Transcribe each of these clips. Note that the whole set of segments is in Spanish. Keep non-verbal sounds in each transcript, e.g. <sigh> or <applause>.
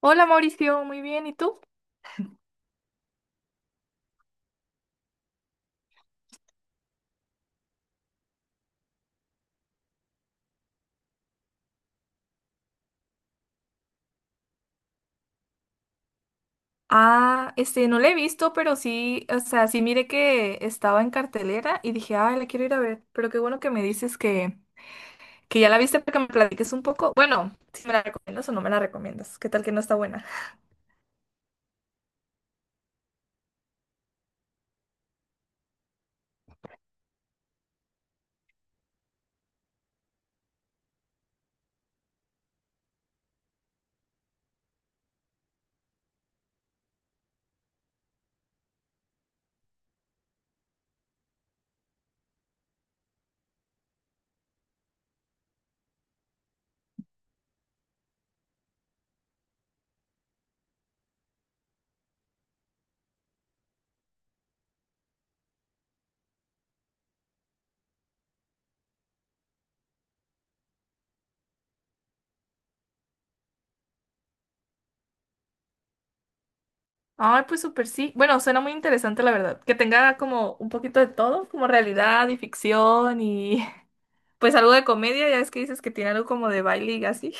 Hola Mauricio, muy bien, ¿y tú? Ah, este, no la he visto, pero sí, o sea, sí miré que estaba en cartelera y dije, ay, la quiero ir a ver, pero qué bueno que me dices que ya la viste para que me platiques un poco. Bueno, si me la recomiendas o no me la recomiendas, ¿qué tal que no está buena? Ay, pues súper sí. Bueno, suena muy interesante, la verdad, que tenga como un poquito de todo, como realidad y ficción y <laughs> pues algo de comedia, ya es que dices que tiene algo como de baile y así.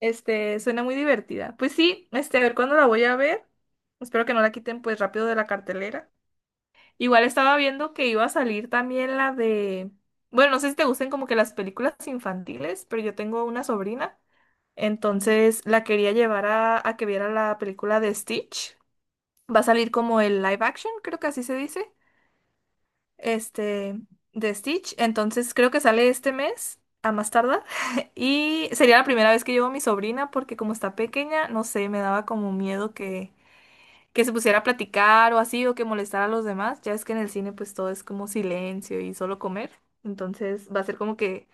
Suena muy divertida. Pues sí, a ver cuándo la voy a ver. Espero que no la quiten pues rápido de la cartelera. Igual estaba viendo que iba a salir también la de... Bueno, no sé si te gusten como que las películas infantiles, pero yo tengo una sobrina. Entonces la quería llevar a que viera la película de Stitch. Va a salir como el live action, creo que así se dice este, de Stitch. Entonces creo que sale este mes, a más tardar. <laughs> Y sería la primera vez que llevo a mi sobrina porque como está pequeña, no sé, me daba como miedo que, se pusiera a platicar o así o que molestara a los demás. Ya es que en el cine pues todo es como silencio y solo comer. Entonces va a ser como que,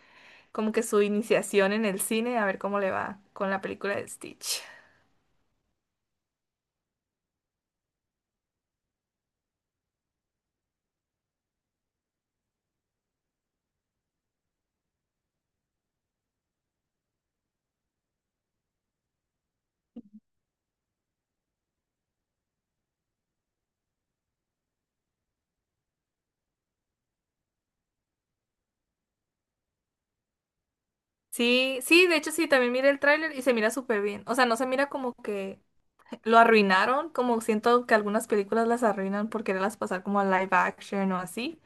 como que su iniciación en el cine, a ver cómo le va con la película de Stitch. Sí, sí, de hecho sí, también mira el tráiler y se mira súper bien. O sea, no se mira como que lo arruinaron, como siento que algunas películas las arruinan por quererlas pasar como a live action o así,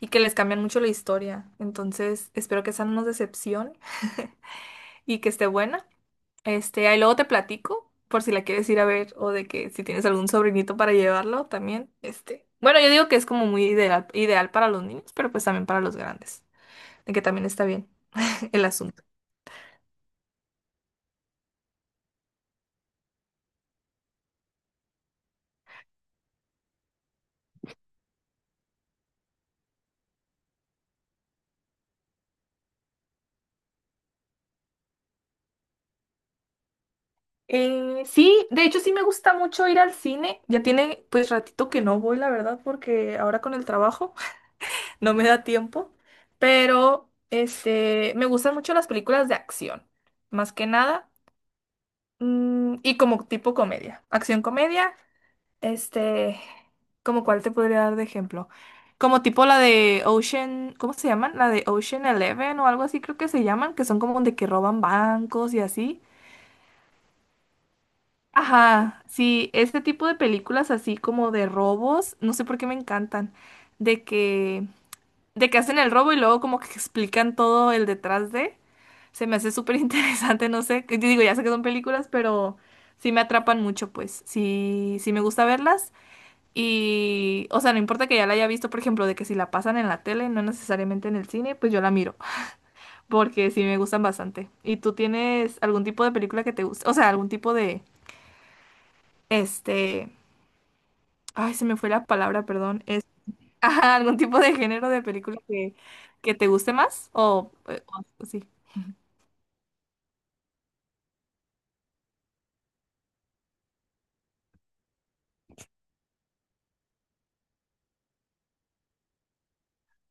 y que les cambian mucho la historia. Entonces, espero que esa no nos decepcione y que esté buena. Ahí luego te platico por si la quieres ir a ver o de que si tienes algún sobrinito para llevarlo también. Bueno, yo digo que es como muy ideal, ideal para los niños, pero pues también para los grandes, de que también está bien <laughs> el asunto. Sí, de hecho sí me gusta mucho ir al cine. Ya tiene pues ratito que no voy, la verdad, porque ahora con el trabajo, no me da tiempo, pero me gustan mucho las películas de acción, más que nada, y como tipo comedia, acción comedia, este, como cuál te podría dar de ejemplo, como tipo la de Ocean, ¿cómo se llaman? La de Ocean Eleven o algo así creo que se llaman, que son como de que roban bancos y así. Ajá, sí, este tipo de películas así como de robos, no sé por qué me encantan, de que de que hacen el robo y luego como que explican todo el detrás de. Se me hace súper interesante, <laughs> no sé, que te digo, ya sé que son películas, pero sí me atrapan mucho, pues. Sí, sí me gusta verlas. Y, o sea, no importa que ya la haya visto, por ejemplo, de que si la pasan en la tele, no necesariamente en el cine, pues yo la miro, porque sí me gustan bastante. ¿Y tú tienes algún tipo de película que te guste? O sea, algún tipo de, este, ay, se me fue la palabra, perdón. Es, <laughs> ajá, algún tipo de género de película que te guste más o sí.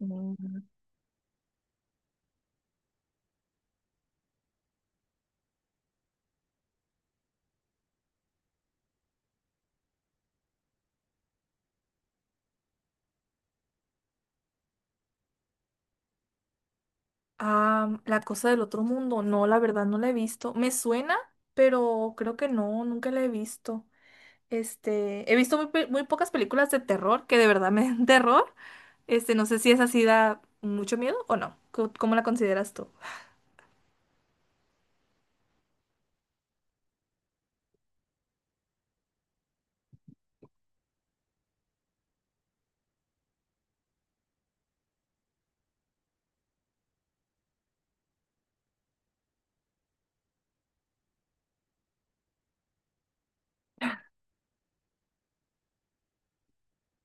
Mm. Ah, La cosa del otro mundo, no, la verdad no la he visto. Me suena, pero creo que no, nunca la he visto. He visto muy pocas películas de terror que de verdad me den <laughs> terror. No sé si esa sí da mucho miedo o no. ¿Cómo la consideras tú?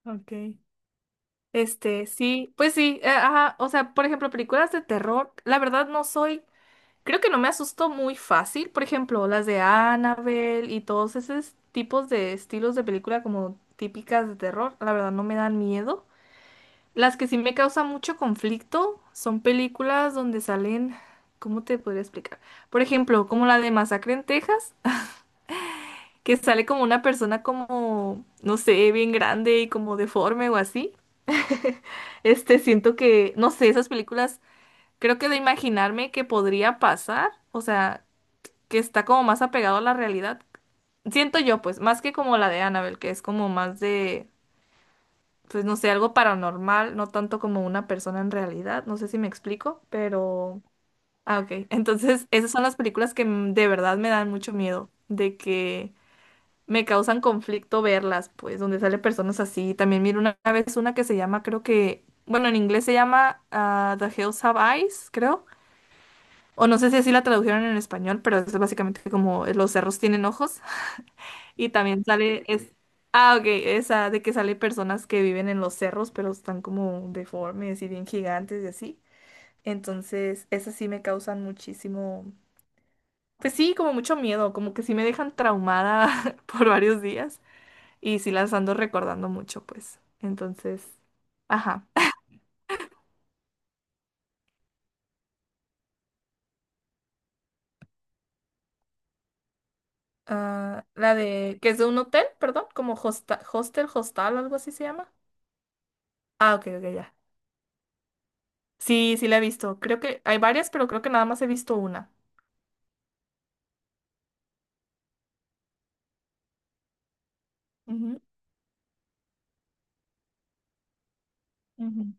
Okay. Sí, pues sí, ajá, o sea, por ejemplo, películas de terror, la verdad no soy. Creo que no me asustó muy fácil, por ejemplo, las de Annabelle y todos esos tipos de estilos de película como típicas de terror, la verdad no me dan miedo. Las que sí me causan mucho conflicto son películas donde salen, ¿cómo te podría explicar? Por ejemplo, como la de Masacre en Texas, <laughs> que sale como una persona como, no sé, bien grande y como deforme o así. Siento que, no sé, esas películas, creo que de imaginarme que podría pasar, o sea... Que está como más apegado a la realidad. Siento yo, pues, más que como la de Annabelle, que es como más de, pues, no sé, algo paranormal, no tanto como una persona en realidad. No sé si me explico, pero... Ah, ok. <laughs> Entonces, esas son las películas que de verdad me dan mucho miedo, de que me causan conflicto verlas, pues, donde sale personas así. También miro una vez una que se llama, creo que, bueno, en inglés se llama The Hills Have Eyes, creo. O no sé si así la tradujeron en español, pero es básicamente como los cerros tienen ojos. Y también sale, ok, esa de que sale personas que viven en los cerros, pero están como deformes y bien gigantes y así. Entonces, esas sí me causan muchísimo, pues sí, como mucho miedo, como que sí me dejan traumada <laughs> por varios días y sí las ando recordando mucho, pues. Entonces, ajá. Ah, la de, que es de un hotel, perdón, como hostel, hostal, algo así se llama. Ah, ok, ok, ya. Sí, sí la he visto. Creo que hay varias, pero creo que nada más he visto una. Ujú, ujú.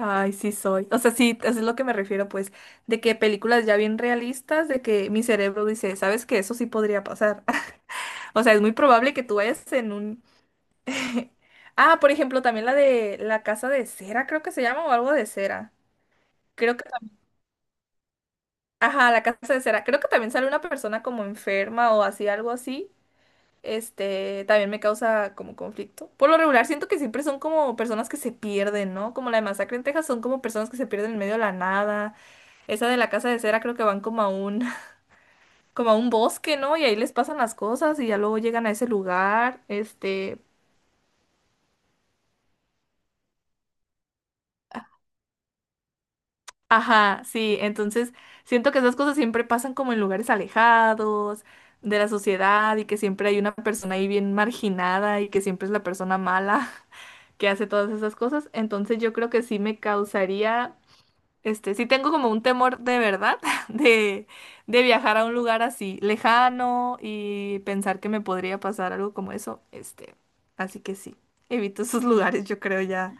Ay, sí soy. O sea, sí, eso es lo que me refiero, pues, de que películas ya bien realistas, de que mi cerebro dice, ¿sabes qué? Eso sí podría pasar. <laughs> O sea, es muy probable que tú vayas en un... <laughs> Ah, por ejemplo, también la de La Casa de Cera, creo que se llama, o algo de cera. Creo que... Ajá, La Casa de Cera. Creo que también sale una persona como enferma o así, algo así. También me causa como conflicto. Por lo regular, siento que siempre son como personas que se pierden, ¿no? Como la de Masacre en Texas, son como personas que se pierden en medio de la nada. Esa de la casa de cera creo que van como a un, <laughs> como a un bosque, ¿no? Y ahí les pasan las cosas y ya luego llegan a ese lugar, ajá, sí, entonces siento que esas cosas siempre pasan como en lugares alejados de la sociedad y que siempre hay una persona ahí bien marginada y que siempre es la persona mala <laughs> que hace todas esas cosas, entonces yo creo que sí me causaría. Sí tengo como un temor de verdad <laughs> de, de viajar a un lugar así lejano y pensar que me podría pasar algo como eso. Así que sí, evito esos <laughs> lugares, yo creo ya,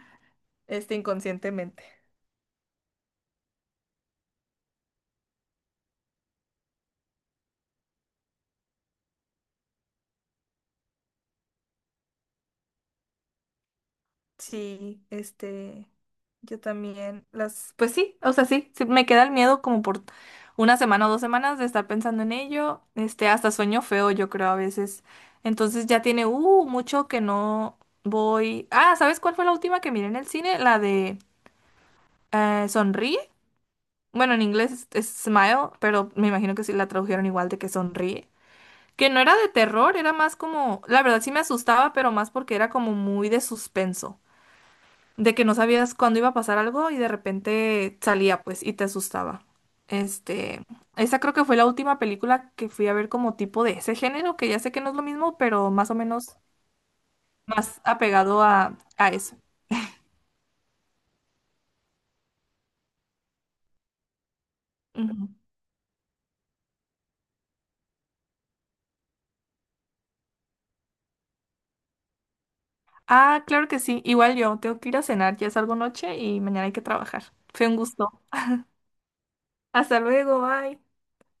inconscientemente. Sí, yo también las, pues sí, o sea, sí, sí, me queda el miedo como por una semana o dos semanas de estar pensando en ello, hasta sueño feo, yo creo a veces. Entonces ya tiene, mucho que no voy. Ah, ¿sabes cuál fue la última que miré en el cine? La de Sonríe. Bueno, en inglés es Smile, pero me imagino que sí la tradujeron igual de que Sonríe. Que no era de terror, era más como, la verdad sí me asustaba, pero más porque era como muy de suspenso de que no sabías cuándo iba a pasar algo y de repente salía, pues, y te asustaba. Este, Esa creo que fue la última película que fui a ver como tipo de ese género, que ya sé que no es lo mismo, pero más o menos más apegado a eso. Ujú. Ah, claro que sí, igual yo, tengo que ir a cenar, ya es algo noche y mañana hay que trabajar. Fue un gusto. Hasta luego, bye.